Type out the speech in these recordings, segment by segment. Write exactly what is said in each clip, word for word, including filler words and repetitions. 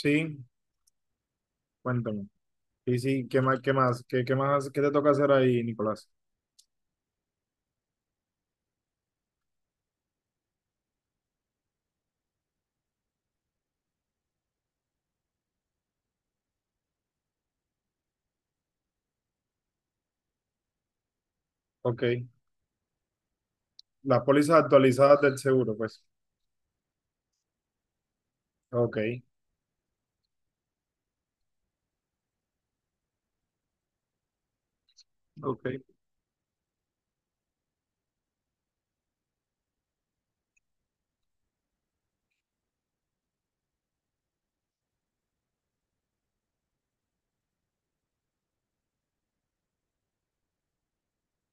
Sí, cuéntame. Sí, sí, ¿qué más, qué más, qué, qué más, qué te toca hacer ahí, Nicolás? Ok. Las pólizas actualizadas del seguro, pues. Ok, Ok.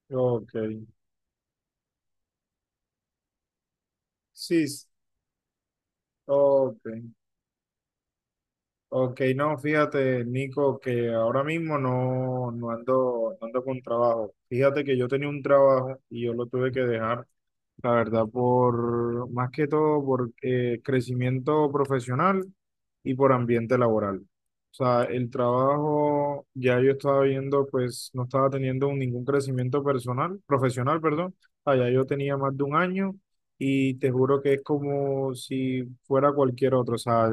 ok. Sí, s- ok. Ok, no, fíjate, Nico, que ahora mismo no, no ando, no ando con trabajo. Fíjate que yo tenía un trabajo y yo lo tuve que dejar. La verdad, por más que todo por eh, crecimiento profesional y por ambiente laboral. O sea, el trabajo ya yo estaba viendo, pues no estaba teniendo ningún crecimiento personal, profesional, perdón. Allá yo tenía más de un año y te juro que es como si fuera cualquier otro. O sea,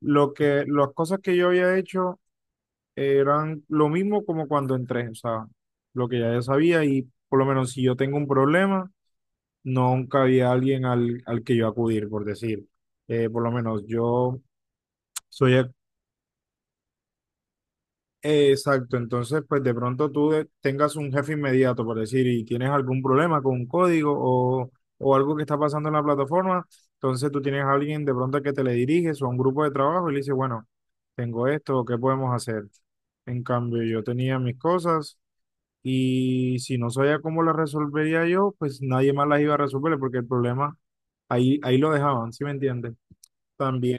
lo que, las cosas que yo había hecho eran lo mismo como cuando entré. O sea, lo que ya yo sabía, y por lo menos si yo tengo un problema nunca había alguien al, al que yo acudir, por decir. Eh, por lo menos yo soy ex- eh, exacto. Entonces pues de pronto tú de- tengas un jefe inmediato, por decir, y tienes algún problema con un código o, o algo que está pasando en la plataforma, entonces tú tienes a alguien de pronto que te le diriges, o a un grupo de trabajo y le dices, bueno, tengo esto, ¿qué podemos hacer? En cambio, yo tenía mis cosas. Y si no sabía cómo la resolvería yo, pues nadie más las iba a resolver, porque el problema ahí, ahí lo dejaban, ¿sí me entiendes? También,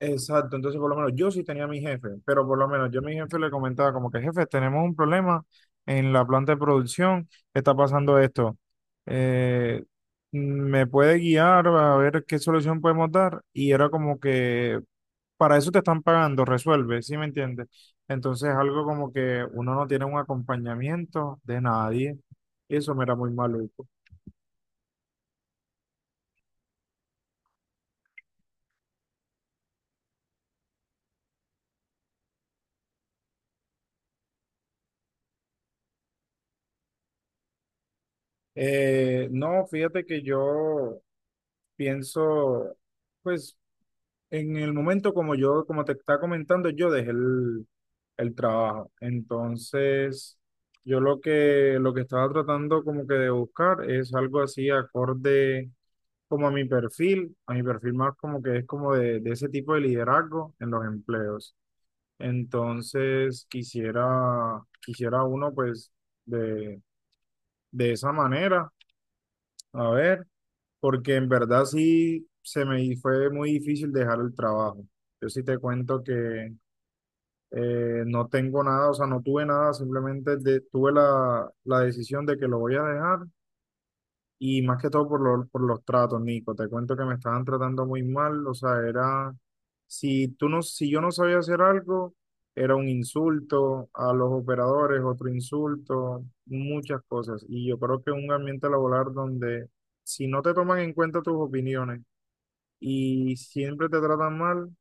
exacto. Entonces por lo menos yo sí tenía a mi jefe, pero por lo menos yo a mi jefe le comentaba como que, jefe, tenemos un problema en la planta de producción, está pasando esto. Eh, ¿Me puede guiar a ver qué solución podemos dar? Y era como que, para eso te están pagando, resuelve, ¿sí me entiendes? Entonces, algo como que uno no tiene un acompañamiento de nadie, y eso me era muy maluco. Eh, no, fíjate que yo pienso, pues, en el momento, como yo, como te estaba comentando, yo dejé el, el trabajo. Entonces, yo lo que, lo que estaba tratando como que de buscar es algo así acorde como a mi perfil, a mi perfil más como que es como de, de ese tipo de liderazgo en los empleos. Entonces quisiera, quisiera uno pues de, de esa manera, a ver, porque en verdad sí se me hi- fue muy difícil dejar el trabajo. Yo sí te cuento que eh, no tengo nada, o sea, no tuve nada, simplemente de- tuve la, la decisión de que lo voy a dejar. Y más que todo por, lo- por los tratos, Nico. Te cuento que me estaban tratando muy mal. O sea, era, si tú no, si yo no sabía hacer algo, era un insulto a los operadores, otro insulto, muchas cosas. Y yo creo que un ambiente laboral donde si no te toman en cuenta tus opiniones y siempre te tratan mal,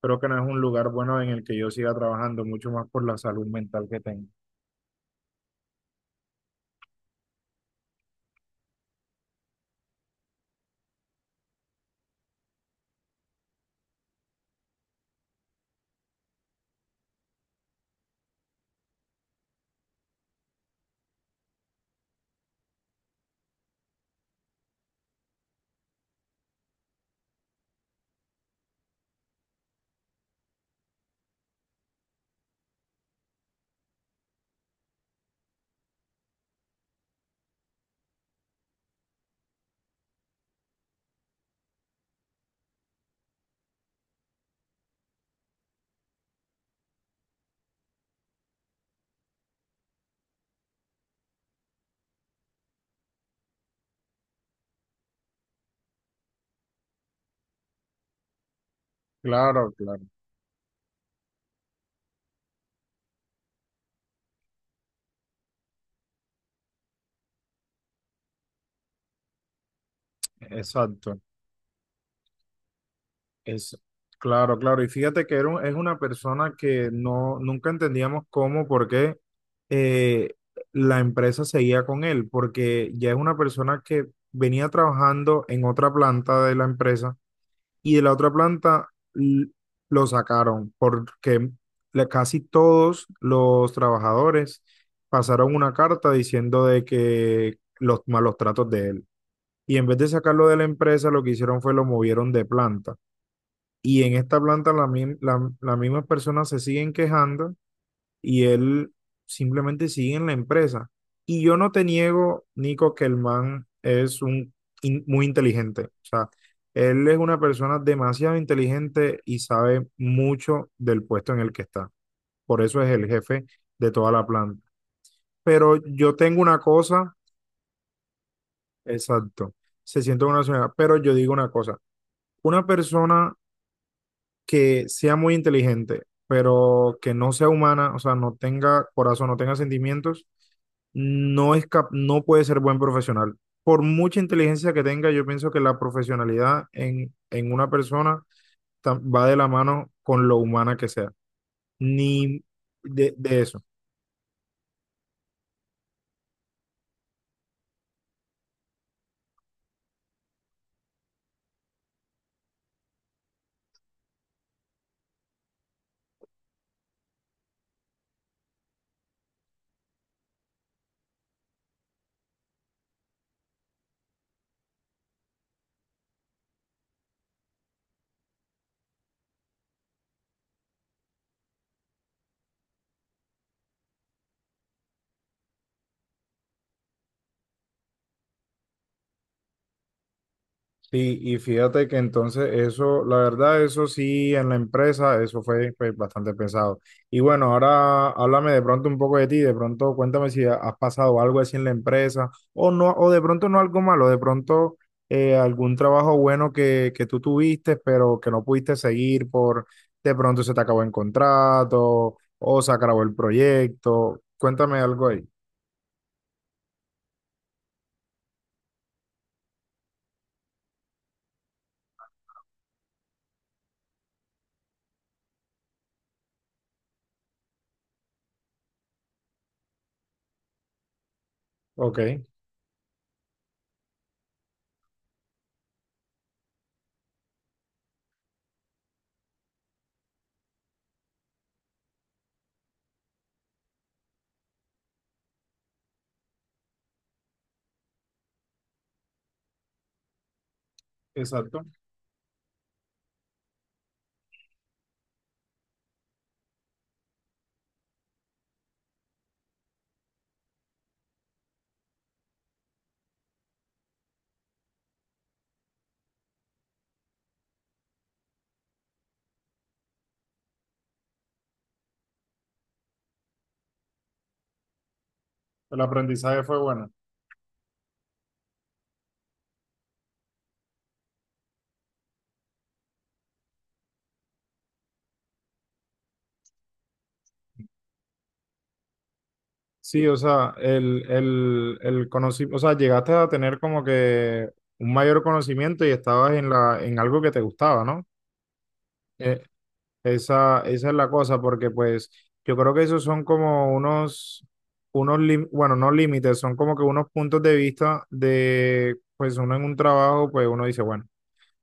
creo que no es un lugar bueno en el que yo siga trabajando, mucho más por la salud mental que tengo. Claro, claro, exacto. Es, claro, claro. Y fíjate que era un- es una persona que no, nunca entendíamos cómo, por qué eh, la empresa seguía con él, porque ya es una persona que venía trabajando en otra planta de la empresa y de la otra planta l- lo sacaron, porque la- casi todos los trabajadores pasaron una carta diciendo de que los malos tratos de él. Y en vez de sacarlo de la empresa, lo que hicieron fue lo movieron de planta. Y en esta planta la, mim- la- las mismas personas se siguen quejando, y él simplemente sigue en la empresa. Y yo no te niego, Nico, que el man es un, in- muy inteligente. O sea, él es una persona demasiado inteligente y sabe mucho del puesto en el que está. Por eso es el jefe de toda la planta. Pero yo tengo una cosa, exacto, se siente una señora, pero yo digo una cosa, una persona que sea muy inteligente, pero que no sea humana, o sea, no tenga corazón, no tenga sentimientos, no es cap- no puede ser buen profesional. Por mucha inteligencia que tenga, yo pienso que la profesionalidad en, en una persona tam- va de la mano con lo humana que sea. Ni de, de eso. Sí, y fíjate que entonces eso, la verdad, eso sí, en la empresa, eso fue pues, bastante pesado. Y bueno, ahora háblame de pronto un poco de ti, de pronto cuéntame si ha- has pasado algo así en la empresa, o no, o de pronto no algo malo, de pronto eh, algún trabajo bueno que, que tú tuviste, pero que no pudiste seguir por, de pronto se te acabó el contrato, o se acabó el proyecto. Cuéntame algo ahí. Ok, exacto. El aprendizaje fue bueno. Sí, o sea, el, el, el conocimiento, o sea, llegaste a tener como que un mayor conocimiento y estabas en la, en algo que te gustaba, ¿no? Eh, esa, esa es la cosa, porque pues yo creo que esos son como unos, unos, lim- bueno, no límites, son como que unos puntos de vista de, pues uno en un trabajo, pues uno dice, bueno.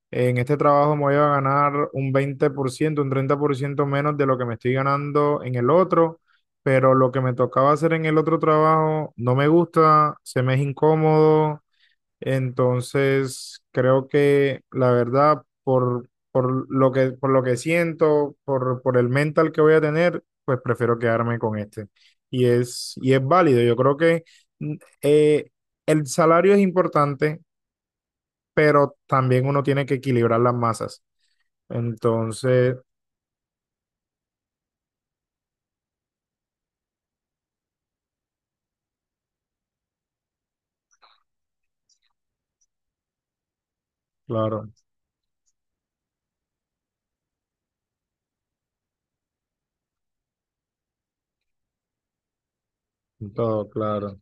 En este trabajo me voy a ganar un veinte por ciento, un treinta por ciento menos de lo que me estoy ganando en el otro, pero lo que me tocaba hacer en el otro trabajo no me gusta, se me es incómodo, entonces creo que la verdad, por, por lo que, por lo que siento, por, por el mental que voy a tener, pues prefiero quedarme con este. Y es, y es válido. Yo creo que mm, eh, el salario es importante, pero también uno tiene que equilibrar las masas. Entonces, claro, todo claro.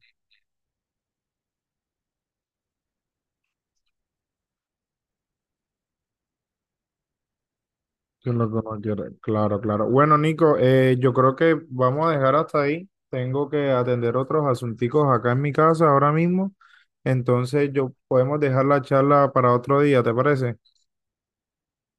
Yo no- yo no quiero- Claro, claro. Bueno, Nico, eh, yo creo que vamos a dejar hasta ahí. Tengo que atender otros asunticos acá en mi casa ahora mismo. Entonces, yo podemos dejar la charla para otro día, ¿te parece?